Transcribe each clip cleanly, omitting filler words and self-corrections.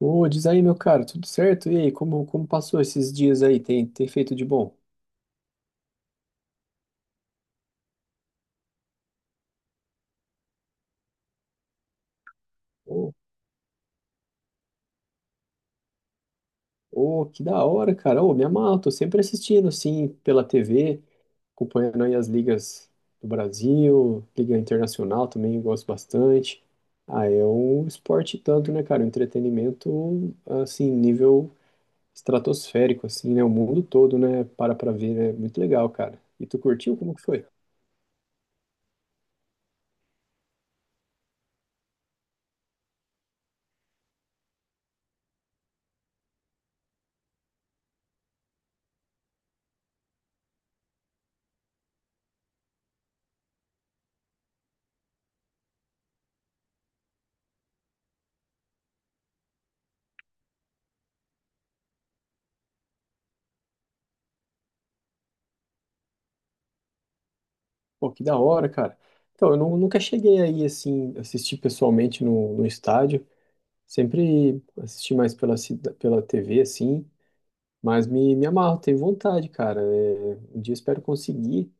Ô, diz aí, meu cara, tudo certo? E aí, como passou esses dias aí? Tem feito de bom? Ô, ô, que da hora, cara. Ô, me amarro, tô sempre assistindo, assim, pela TV, acompanhando aí as ligas do Brasil, liga internacional também, gosto bastante. Ah, é um esporte tanto, né, cara? Um entretenimento, assim, nível estratosférico, assim, né? O mundo todo, né? Para pra ver, né? Muito legal, cara. E tu curtiu? Como que foi? Pô, que da hora, cara. Então, eu nunca cheguei aí, assim, assistir pessoalmente no estádio. Sempre assisti mais pela, pela TV, assim. Mas me amarro, tenho vontade, cara. É, um dia espero conseguir.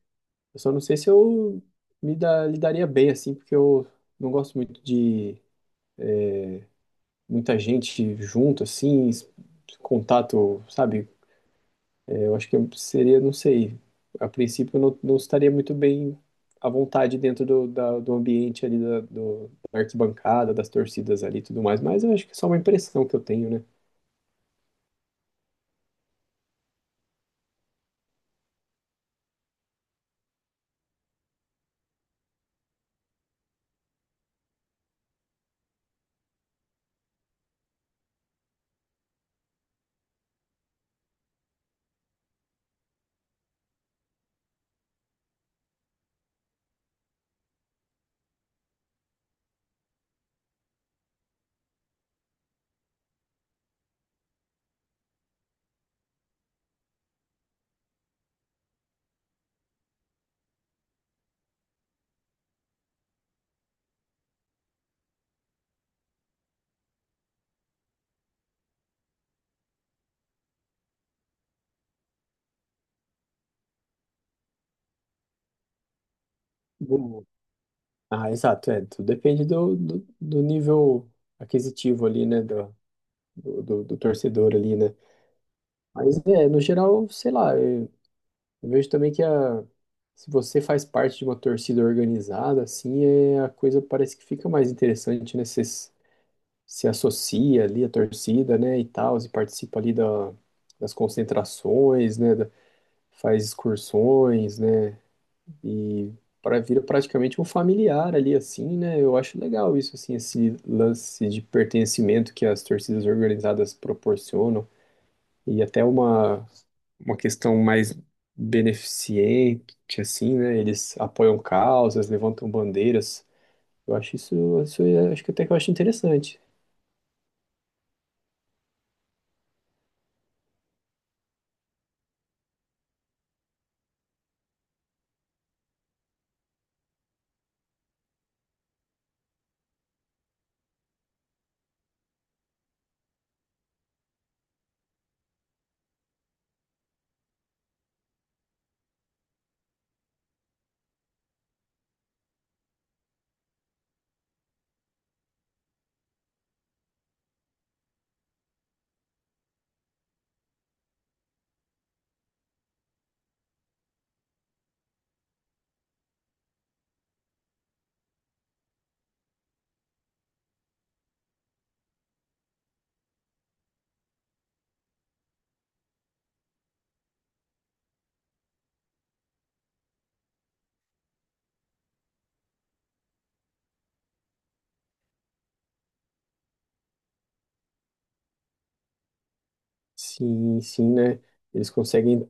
Eu só não sei se eu lidaria bem, assim, porque eu não gosto muito de muita gente junto, assim, contato, sabe? Eu acho que seria, não sei, a princípio eu não estaria muito bem à vontade dentro do ambiente ali da arquibancada, das torcidas ali e tudo mais, mas eu acho que é só uma impressão que eu tenho, né? Do- Ah, exato, é, tudo depende do nível aquisitivo ali, né, do torcedor ali, né? Mas, é, no geral, sei lá, eu vejo também que a, se você faz parte de uma torcida organizada, assim, é, a coisa parece que fica mais interessante, né? Se associa ali à torcida, né, e tal, e participa ali da, das concentrações, né, faz excursões, né, e para vira praticamente um familiar ali, assim, né, eu acho legal isso, assim, esse lance de pertencimento que as torcidas organizadas proporcionam, e até uma questão mais beneficente, assim, né, eles apoiam causas, levantam bandeiras, eu acho isso, acho que até que eu acho interessante. Sim, sim, né? Eles conseguem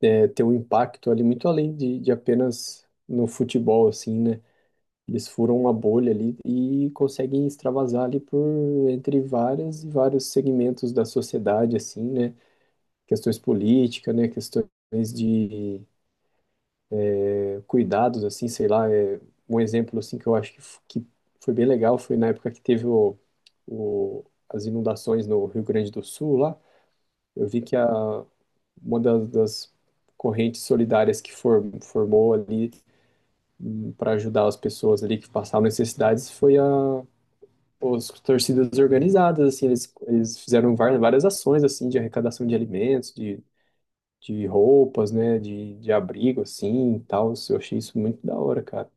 é, ter um impacto ali muito além de apenas no futebol, assim, né? Eles furam uma bolha ali e conseguem extravasar ali por entre várias e vários segmentos da sociedade, assim, né? Questões políticas, né? Questões de é, cuidados, assim, sei lá. É, um exemplo, assim, que eu acho que foi bem legal foi na época que teve as inundações no Rio Grande do Sul lá. Eu vi que a, uma das correntes solidárias que formou ali para ajudar as pessoas ali que passavam necessidades foi a os torcidas organizadas assim eles fizeram várias ações assim de arrecadação de alimentos de roupas, né, de abrigo assim e tal, eu achei isso muito da hora, cara.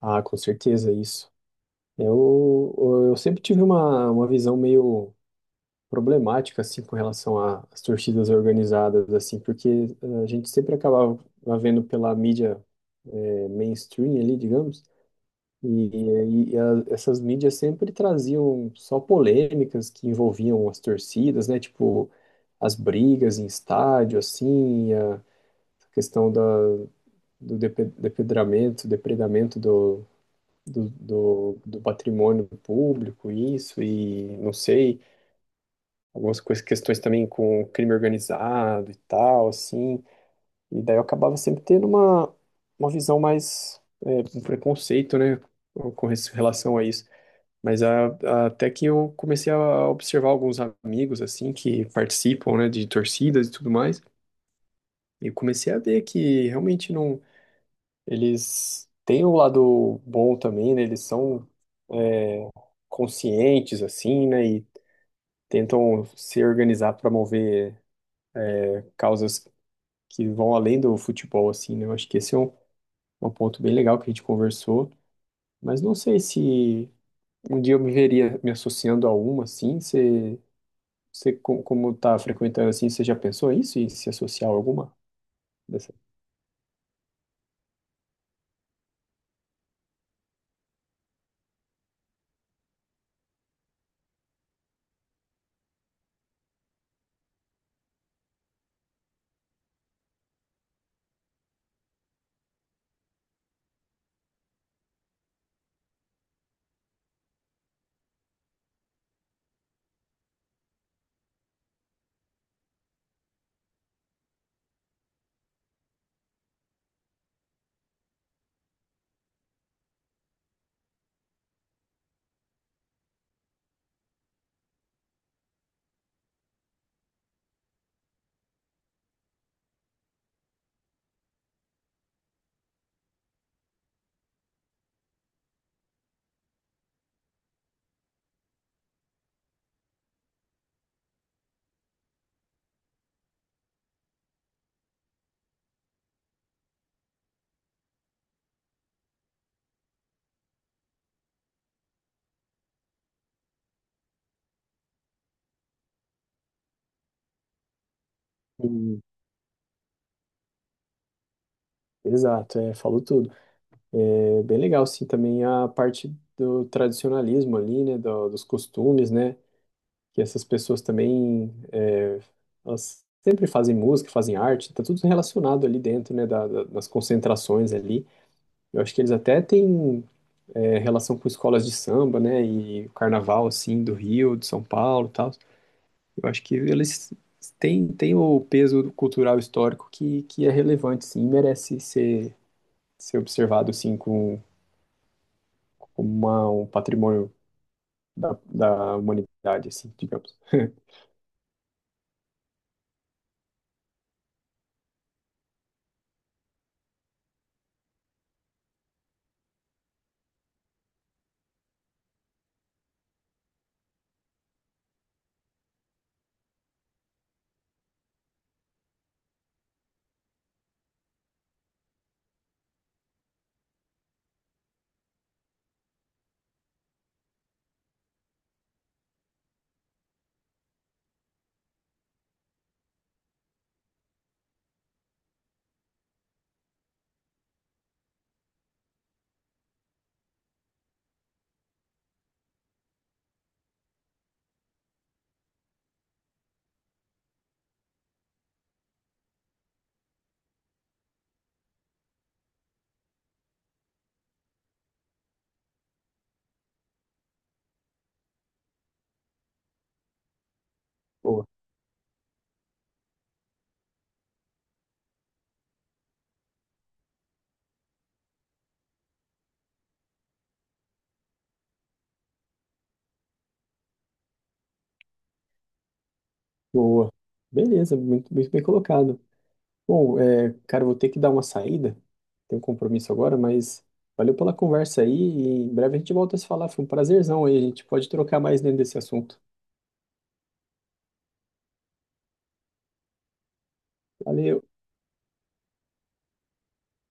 Ah, com certeza, isso. eu eu sempre tive uma visão meio problemática assim com relação às torcidas organizadas assim, porque eh, a gente sempre acabava vendo pela mídia eh, mainstream ali, digamos, e essas mídias sempre traziam só polêmicas que envolviam as torcidas, né? Tipo as brigas em estádio assim, e a questão da, do depedramento, depredamento do patrimônio público, isso, e não sei, algumas coisas, questões também com crime organizado e tal, assim. E daí eu acabava sempre tendo uma visão mais, é, um preconceito, né, com relação a isso. Mas até que eu comecei a observar alguns amigos, assim, que participam, né, de torcidas e tudo mais, e comecei a ver que realmente não, eles têm um lado bom também, né, eles são conscientes, assim, né, e tentam se organizar para mover causas que vão além do futebol, assim, né? Eu acho que esse é um ponto bem legal que a gente conversou, mas não sei se um dia eu me veria me associando a uma, assim, você como tá frequentando, assim, você já pensou isso e se associar a alguma dessa? Hum, Exato, é, falou tudo. É bem legal, sim, também a parte do tradicionalismo ali, né, dos costumes, né, que essas pessoas também, é, elas sempre fazem música, fazem arte, tá tudo relacionado ali dentro, né, das concentrações ali. Eu acho que eles até têm é, relação com escolas de samba, né? E o carnaval, assim, do Rio, de São Paulo e tal. Eu acho que eles têm o peso cultural histórico que é relevante, sim, e merece ser observado, assim, com, como um patrimônio da humanidade, assim, digamos. Boa, boa. Beleza, muito bem colocado. Bom, é, cara, eu vou ter que dar uma saída. Tenho um compromisso agora, mas valeu pela conversa aí. E em breve a gente volta a se falar. Foi um prazerzão aí. A gente pode trocar mais dentro desse assunto. Valeu.